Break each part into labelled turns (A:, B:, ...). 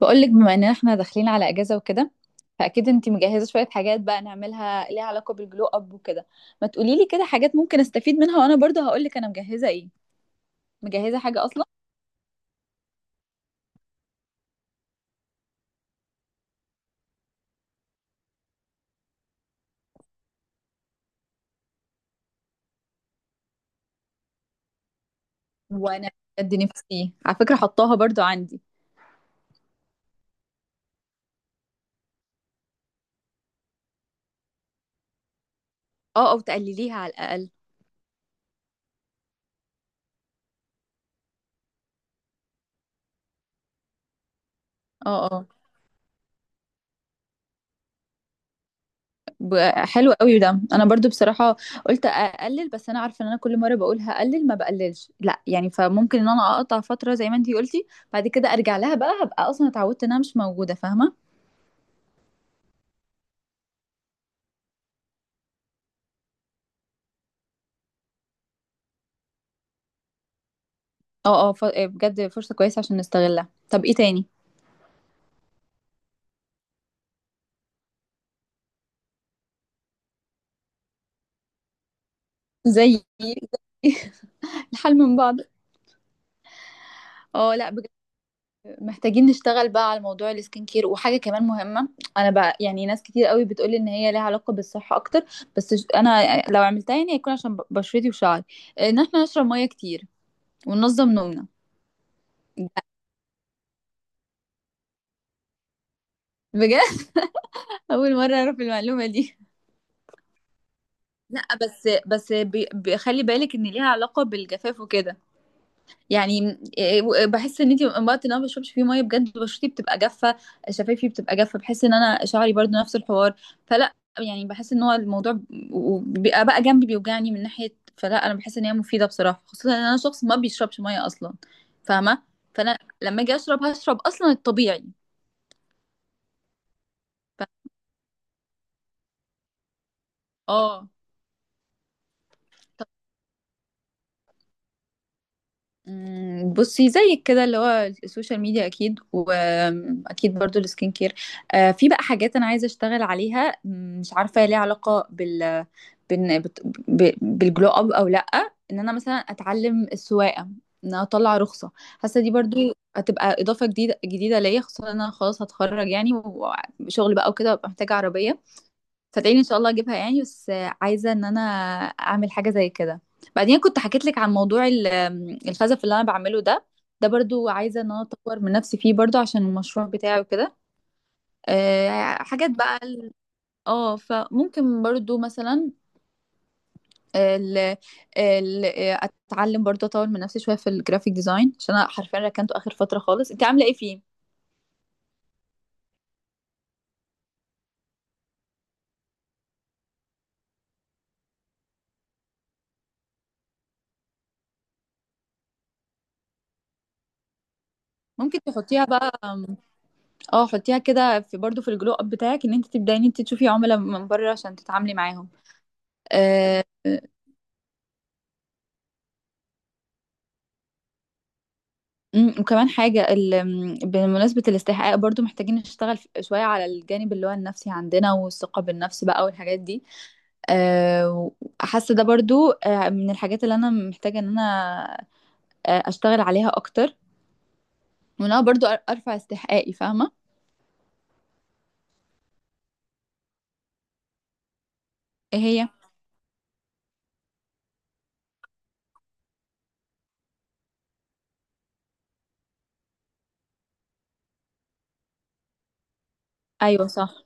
A: بقولك بما ان احنا داخلين على اجازه وكده، فاكيد انتي مجهزه شويه حاجات بقى نعملها ليها علاقه بالجلو اب وكده. ما تقولي لي كده حاجات ممكن استفيد منها، وانا برضه هقولك انا مجهزه ايه. مجهزه حاجه اصلا؟ وانا بجد نفسي، على فكره حطاها برضه عندي. اه، او تقلليها على الاقل. اه، اه، ب- حلو قوي ده، انا برضو بصراحه قلت اقلل، بس انا عارفه ان انا كل مره بقول هقلل ما بقللش، لا يعني فممكن ان انا اقطع فتره زي ما انتي قلتي. بعد كده ارجع لها، بقى هبقى اصلا اتعودت انها مش موجوده، فاهمه؟ اه، اه، بجد فرصة كويسة عشان نستغلها. طب ايه تاني؟ زي الحل من بعض. اه، لا بجد، محتاجين نشتغل بقى على موضوع السكين كير، وحاجه كمان مهمه. انا بقى يعني ناس كتير قوي بتقولي ان هي لها علاقه بالصحه اكتر، بس انا لو عملتها يعني هيكون عشان بشرتي وشعري. ان احنا نشرب ميه كتير وننظم نومنا. بجد! اول مره اعرف المعلومه دي. لا، بس خلي بالك ان ليها علاقه بالجفاف وكده. يعني بحس ان انت وقت ان انا ما بشربش فيه ميه بجد بشرتي بتبقى جافه، شفايفي بتبقى جافه، بحس ان انا شعري برضو نفس الحوار. فلا يعني بحس ان هو الموضوع بيبقى بقى جنبي بيوجعني من ناحيه، فلا انا بحس ان هي مفيده بصراحه، خصوصا ان انا شخص ما بيشربش ميه اصلا، فاهمه؟ فانا لما اجي اشرب هشرب اصلا الطبيعي. ف... اه. بصي زيك كده، اللي هو السوشيال ميديا اكيد، واكيد برضو السكين كير. في بقى حاجات انا عايزه اشتغل عليها، مش عارفه هي ليها علاقه بال- بت- بالجلو اب او لا. ان انا مثلا اتعلم السواقه، ان انا اطلع رخصه. حاسه دي برضو هتبقى اضافه جديده جديده ليا، خصوصا ان انا خلاص هتخرج يعني، وشغل بقى وكده، وأبقى محتاجه عربيه. صدقيني ان شاء الله اجيبها يعني، بس عايزه ان انا اعمل حاجه زي كده. بعدين كنت حكيت لك عن موضوع الخزف اللي انا بعمله ده، ده برضو عايزه ان انا اطور من نفسي فيه برضو عشان المشروع بتاعي وكده. حاجات بقى فممكن برضو مثلا ال ال اتعلم برضو اطور من نفسي شويه في الجرافيك ديزاين، عشان انا حرفيا ركنته اخر فتره خالص. انت عامله ايه فيه؟ ممكن تحطيها بقى. اه، حطيها كده في برضو في الجلو اب بتاعك، ان انت تبداي ان انت تشوفي عملاء من بره عشان تتعاملي معاهم. آه، وكمان حاجة بمناسبة الاستحقاق برضو محتاجين نشتغل شوية على الجانب اللي هو النفسي عندنا، والثقة بالنفس بقى والحاجات دي. آه، حاسة ده برضو من الحاجات اللي أنا محتاجة إن أنا أشتغل عليها أكتر، وإن أنا برضو أرفع استحقاقي، فاهمة؟ إيه هي؟ أيوة صح.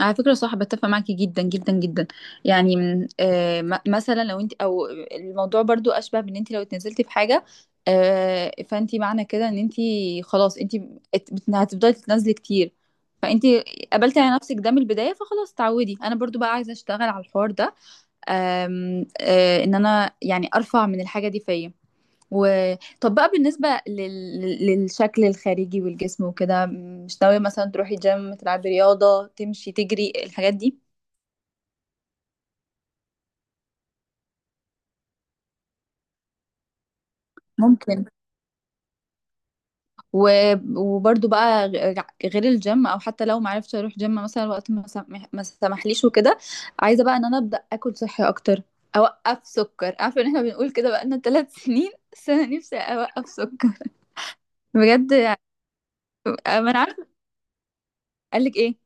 A: على فكرة صح، بتفق معاكي جدا جدا جدا. يعني من مثلا لو انت او الموضوع برضو اشبه بان انت لو اتنزلتي في حاجة، فانت معنى كده ان انت خلاص، انت هتفضلي تتنازلي كتير، فانت قبلتي على نفسك ده من البداية، فخلاص تعودي. انا برضو بقى عايزة اشتغل على الحوار ده، آم، آه ان انا يعني ارفع من الحاجة دي فيا. و... طب بقى بالنسبة للشكل الخارجي والجسم وكده، مش ناوية مثلا تروحي جيم، تلعبي رياضة، تمشي، تجري، الحاجات دي؟ ممكن. و... وبرضو بقى غير الجيم، او حتى لو معرفتش اروح جيم مثلا وقت ما، ما سمحليش وكده. عايزة بقى ان انا ابدأ اكل صحي اكتر، اوقف سكر. عارفة ان احنا بنقول كده بقالنا 3 سنين، بس انا نفسي اوقف سكر بجد. ما انا عارفة. قالك ايه؟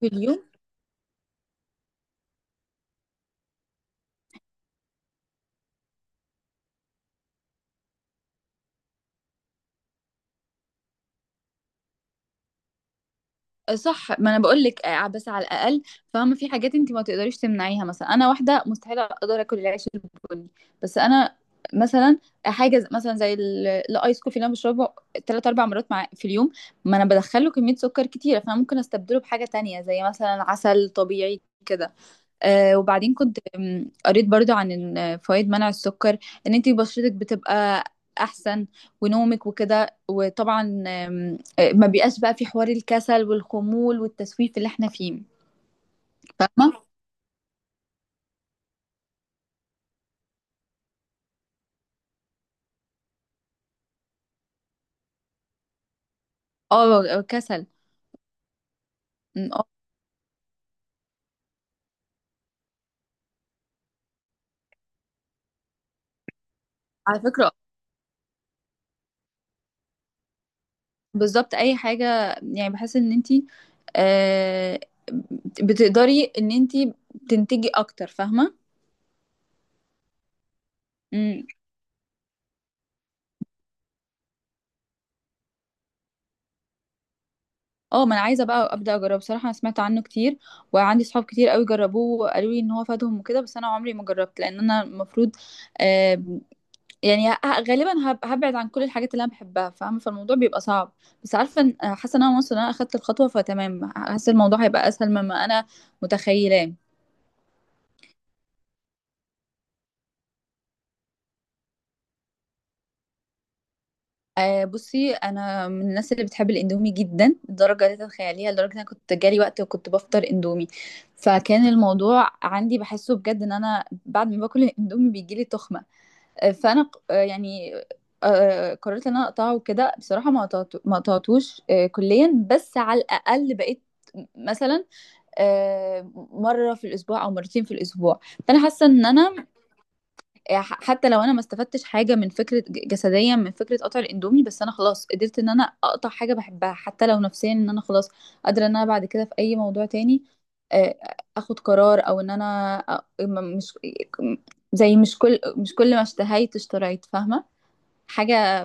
A: في اليوم؟ صح، ما انا بقول لك بس على الاقل، فاهمه؟ في حاجات انت ما تقدريش تمنعيها، مثلا انا واحده مستحيل اقدر اكل العيش البني. بس انا مثلا حاجه مثلا زي الايس كوفي اللي انا بشربه 3-4 مرات مع في اليوم، ما انا بدخله كميه سكر كتيره، فانا ممكن استبدله بحاجه تانية زي مثلا عسل طبيعي كده. وبعدين كنت قريت برضو عن إن فوائد منع السكر، ان انتي بشرتك بتبقى احسن، ونومك وكده، وطبعا آم، آه، ما بيبقاش بقى في حوار الكسل والخمول والتسويف اللي احنا فيه، فاهمه؟ اه. كسل. اه، على فكره بالظبط، اي حاجه. يعني بحس ان انتي آه بتقدري ان انتي تنتجي اكتر، فاهمه؟ اه، ما انا عايزه بقى ابدا اجربه بصراحه، انا سمعت عنه كتير، وعندي صحاب كتير قوي جربوه وقالوا لي ان هو فادهم وكده، بس انا عمري ما جربت، لان انا المفروض آه يعني غالبا هبعد عن كل الحاجات اللي انا بحبها، فاهمه؟ فالموضوع بيبقى صعب، بس عارفه حاسه ان انا واصله ان انا اخدت الخطوه، فتمام، حاسه الموضوع هيبقى اسهل مما انا متخيلاه. بصي، انا من الناس اللي بتحب الاندومي جدا، لدرجه لا تتخيليها، لدرجه ان انا كنت جالي وقت وكنت بفطر اندومي، فكان الموضوع عندي بحسه بجد ان انا بعد ما باكل الاندومي بيجيلي تخمه. فانا يعني قررت ان انا اقطعه وكده، بصراحه ما قطعته، ما قطعتوش كليا، بس على الاقل بقيت مثلا مره في الاسبوع او مرتين في الاسبوع. فانا حاسه ان انا حتى لو انا ما استفدتش حاجه من فكره جسديا من فكره قطع الاندومي، بس انا خلاص قدرت ان انا اقطع حاجه بحبها، حتى لو نفسيا ان انا خلاص قادره ان انا بعد كده في اي موضوع تاني آه، اخد قرار، او ان انا مش زي مش كل مش كل ما اشتهيت اشتريت، فاهمه؟ حاجه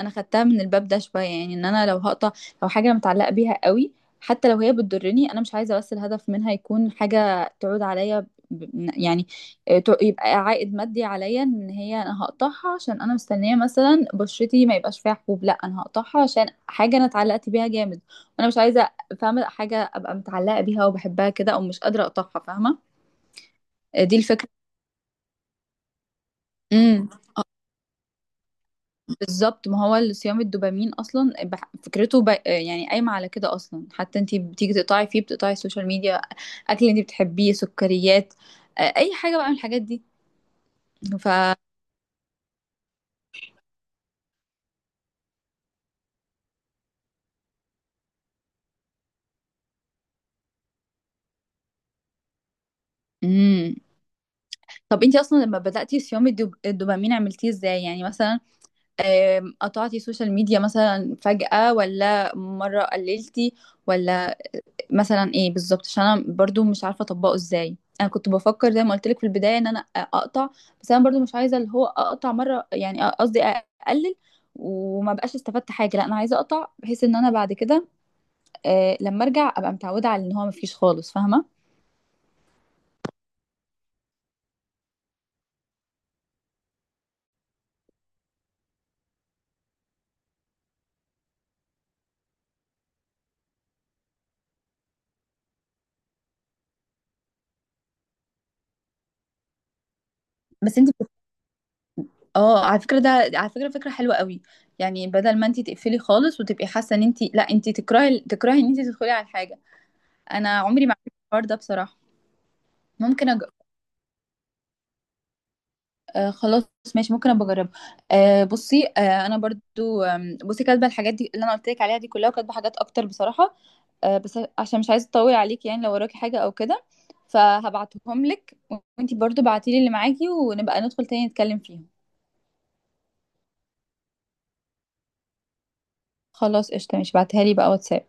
A: انا خدتها من الباب ده شويه، يعني ان انا لو هقطع لو حاجه متعلقه بيها قوي، حتى لو هي بتضرني انا مش عايزه، بس الهدف منها يكون حاجه تعود عليا يعني يبقى عائد مادي عليا، ان هي انا هقطعها عشان انا مستنيه مثلا بشرتي ما يبقاش فيها حبوب، لا انا هقطعها عشان حاجه انا اتعلقت بيها جامد، وانا مش عايزه، فاهمه؟ حاجه ابقى متعلقه بيها وبحبها كده، او مش قادره اقطعها، فاهمه؟ دي الفكره. بالظبط، ما هو الصيام الدوبامين اصلا فكرته يعني قايمه على كده اصلا، حتى انت بتيجي تقطعي فيه بتقطعي السوشيال ميديا، اكل انت بتحبيه، سكريات، اي حاجه بقى من الحاجات دي. ف مم. طب انت اصلا لما بداتي صيام الدوبامين عملتيه ازاي؟ يعني مثلا، قطعتي سوشيال ميديا مثلا فجاه، ولا مره قللتي، ولا مثلا ايه بالظبط؟ عشان انا برضو مش عارفه اطبقه ازاي. انا كنت بفكر زي ما قلت لك في البدايه ان انا اقطع، بس انا برضو مش عايزه اللي هو اقطع مره، يعني قصدي اقلل وما بقاش استفدت حاجه، لا انا عايزه اقطع بحيث ان انا بعد كده لما ارجع ابقى متعوده على ان هو ما فيش خالص، فاهمه؟ بس انت بت... اه، على فكره ده، على فكره، فكره حلوه قوي. يعني بدل ما انت تقفلي خالص وتبقي حاسه ان انت، لا انت تكرهي تكرهي ان انت تدخلي على الحاجه. انا عمري ما عملت الحوار ده بصراحه. ممكن أج... آه خلاص، ماشي، ممكن ابقى اجربها. بصي، انا برضو بصي كاتبه الحاجات دي اللي انا قلت لك عليها دي كلها، وكاتبه حاجات اكتر بصراحه. بس عشان مش عايزه اطول عليك، يعني لو وراكي حاجه او كده فهبعتهم لك، وانتي برضو بعتيلي اللي معاكي، ونبقى ندخل تاني نتكلم فيهم. خلاص، قشطه، ماشي، بعتها لي بقى واتساب.